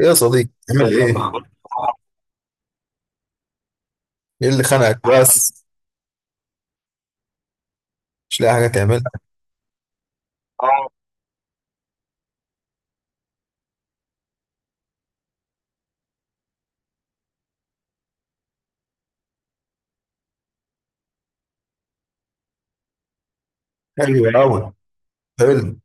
إيه يا صديقي تعمل يلا ايه؟ بقى ايه اللي خانقك بس؟ مش لاقي حاجة تعملها. آه، حلو قوي. حلو.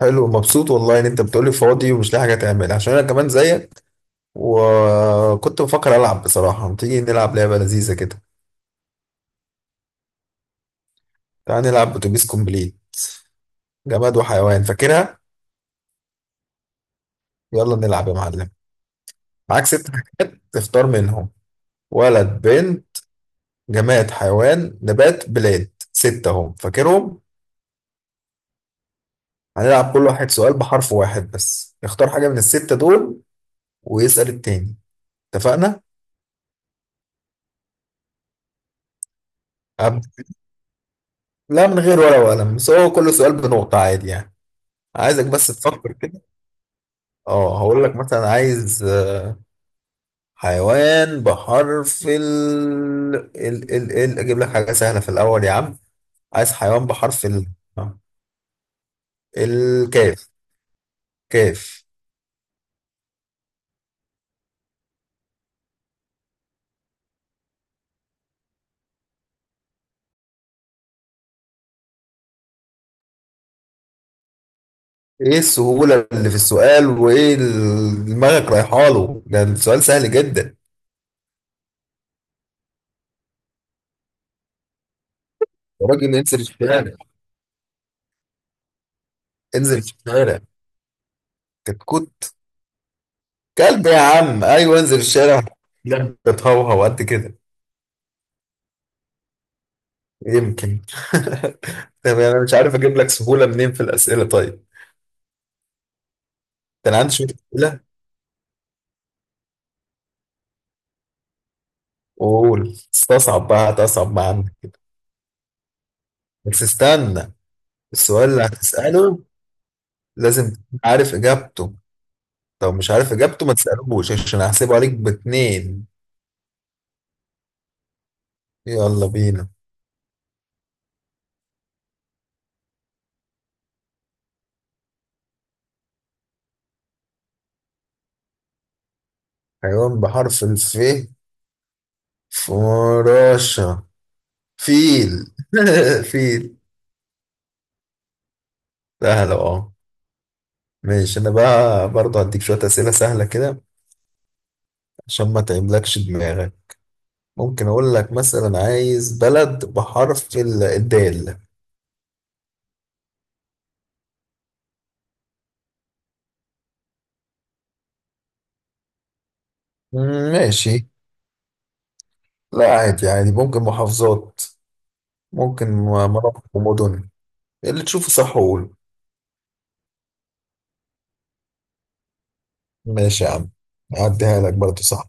حلو، مبسوط والله ان انت بتقولي فاضي ومش لاقي حاجة تعملها عشان انا كمان زيك، وكنت بفكر العب بصراحة. ما تيجي نلعب لعبة لذيذة كده؟ تعال نلعب اتوبيس كومبليت، جماد وحيوان، فاكرها؟ يلا نلعب يا معلم. معاك ست حاجات تختار منهم: ولد، بنت، جماد، حيوان، نبات، بلاد، ستة، هم فاكرهم؟ هنلعب كل واحد سؤال بحرف واحد بس، اختار حاجة من الستة دول ويسأل التاني، اتفقنا؟ أبدأ. لا، من غير ورقة وقلم، بس هو كل سؤال بنقطة عادي يعني. عايزك بس تفكر كده. اه، هقول لك مثلا عايز حيوان بحرف ال ال. اجيب لك حاجة سهلة في الأول يا عم. عايز حيوان بحرف ال. آه، الكاف. كاف. ايه السهولة اللي في السؤال، وايه دماغك رايحة له؟ ده السؤال سهل جدا. يا راجل انزل الشارع. انزل الشارع. كتكوت؟ كلب يا عم، ايوه، انزل الشارع. بتهوهو قد كده؟ يمكن. طب يعني انا مش عارف اجيب لك سهوله منين في الاسئله؟ طيب، ده انا عندي شويه اسئله، وقول استصعب بقى، هتصعب ما عندك كده. بس استنى، السؤال اللي هتساله لازم تكون عارف اجابته، لو مش عارف اجابته ما تسالوش عشان هحسبه عليك باتنين. يلا بينا. حيوان بحرف الف؟ فراشة. فيل. فيل. سهلة اه. ماشي، انا بقى برضه هديك شوية اسئلة سهلة كده عشان ما تعملكش دماغك. ممكن اقول لك مثلا عايز بلد بحرف الدال. مم، ماشي. لا عادي عادي، ممكن محافظات، ممكن مناطق ومدن، اللي تشوفه صح قول. ماشي يا عم، اعديها لك برضه صح.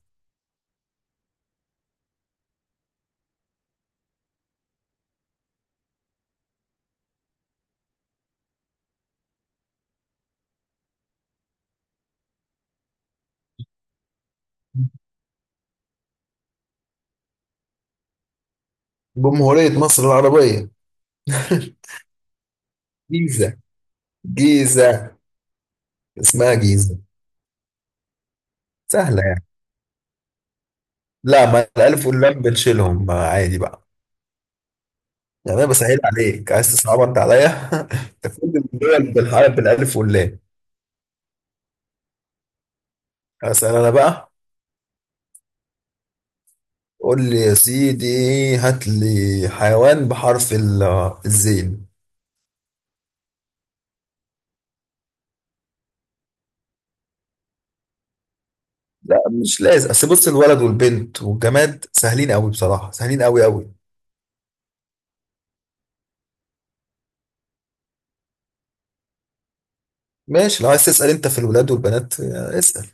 جمهورية مصر العربية. جيزة. جيزة. اسمها جيزة. سهلة يعني. لا، ما الألف واللام بنشيلهم، ما عادي بقى. يعني أنا بسهل عليك، عايز تصعب أنت عليا؟ تفضل، الدول بالحرف بالألف واللام. أسأل أنا بقى. قول لي يا سيدي، هات لي حيوان بحرف الزين. لا، مش لازم، اصل بص الولد والبنت والجماد سهلين قوي بصراحة، سهلين قوي قوي. ماشي، لو عايز تسأل انت في الولاد والبنات اسأل.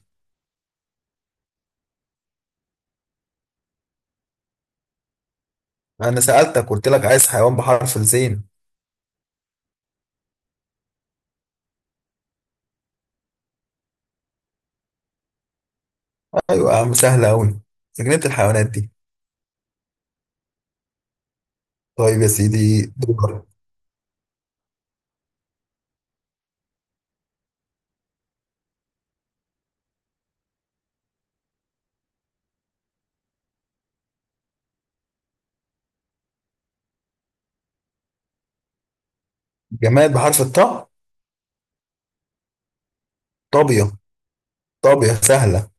انا سألتك قلت لك عايز حيوان بحرف الزين. ايوه يا عم، سهلة قوي، جنينة الحيوانات دي. طيب يا سيدي دور. جماد بحرف الطاء. طابية. طابية سهلة.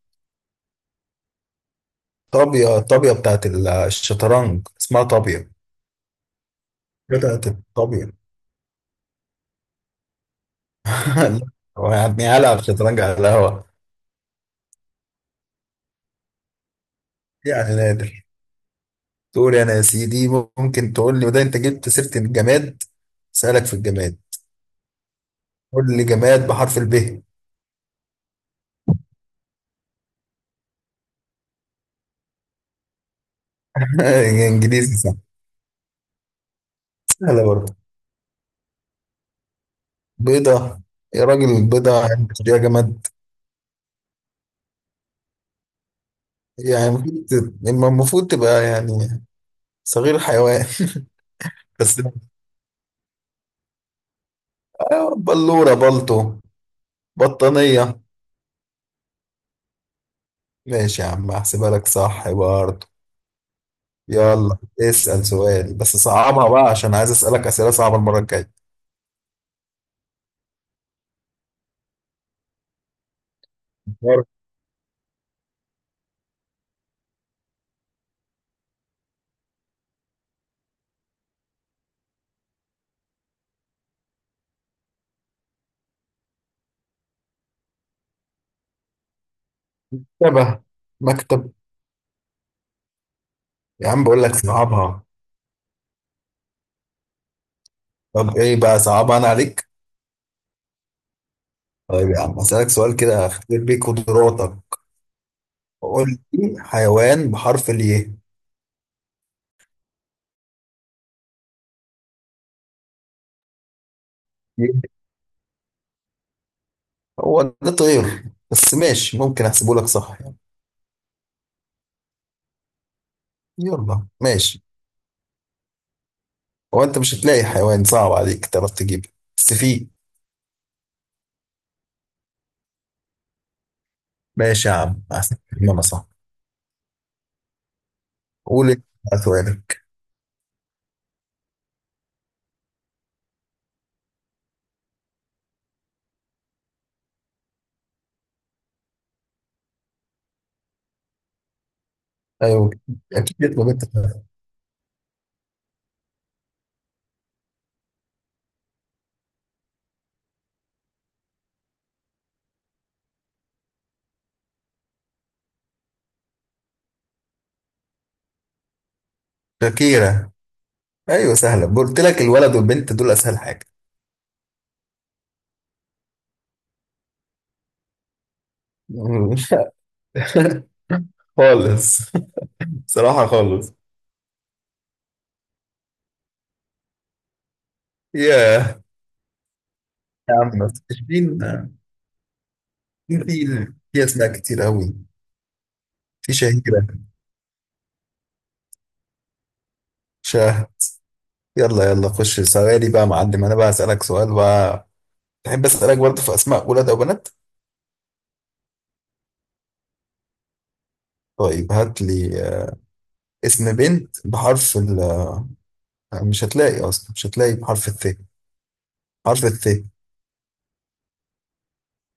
طابية، طابية بتاعت الشطرنج، اسمها طابية. بتاعت الطابية. هو يعني هلعب شطرنج على القهوة؟ يعني نادر. تقول أنا يا سيدي. ممكن تقول لي، وده أنت جبت سيرة الجماد، سألك في الجماد. قول لي جماد بحرف الب. إنجليزي صح. سهلة برضه. بيضة. يا راجل البيضة يعني تشتريها جماد؟ يعني المفروض المفروض تبقى يعني صغير حيوان. بس، بلورة، بلطو، بطانية. ماشي يا عم، هحسبها لك صح برضه. يلا اسأل سؤال، بس صعبها بقى عشان عايز أسألك أسئلة صعبة المرة الجاية. مرتبة، مكتب. يا عم بقول لك صعبها. طب إيه، بقى صعبها أنا عليك. طيب يا عم أسألك سؤال كده، أختبر بيه قدراتك. قول لي حيوان بحرف الياء. هو ده طير، بس ماشي ممكن أحسبه لك صح يعني. يلا ماشي. هو أنت مش هتلاقي حيوان صعب عليك تعرف تجيبه، بس فيه. ماشي يا عم، أحسن، أنا صح. قول أنت بقى سؤالك. أيوه، أكيد، يطلب أنت. شاكيرا. ايوه سهله، قلت لك الولد والبنت دول اسهل حاجه. خالص. بصراحه خالص. ياه. يا عم، مين، في اسماء كتير قوي، في شهيره. شاه. يلا يلا خش سؤالي بقى يا معلم، انا بقى اسالك سؤال بقى. تحب اسالك برضه في اسماء ولاد او بنات؟ طيب هات لي اسم بنت بحرف ال مش هتلاقي اصلا، مش هتلاقي بحرف الث، حرف الث.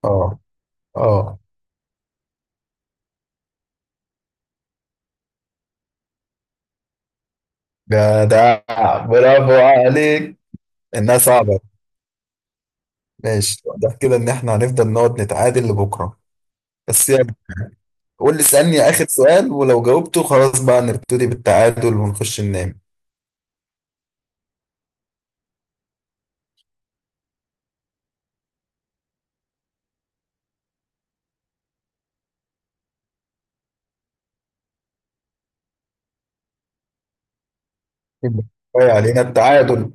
اه. اه. جدع، برافو عليك، انها صعبه. ماشي، واضح كده ان احنا هنفضل نقعد نتعادل لبكره. بس يعني قول لي، اسالني اخر سؤال، ولو جاوبته خلاص بقى نبتدي بالتعادل ونخش ننام. يبقى كفاية علينا التعادل.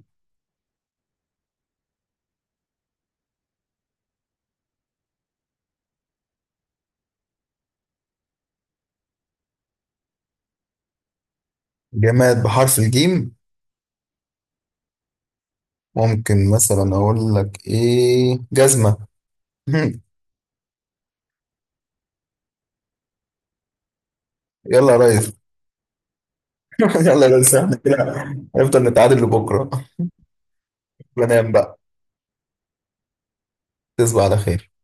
جماد بحرف الجيم. ممكن مثلا اقول لك ايه، جزمه. يلا يا ريس. يلا يا ريس احنا كده هنفضل نتعادل لبكره. بنام بقى. تصبح على خير.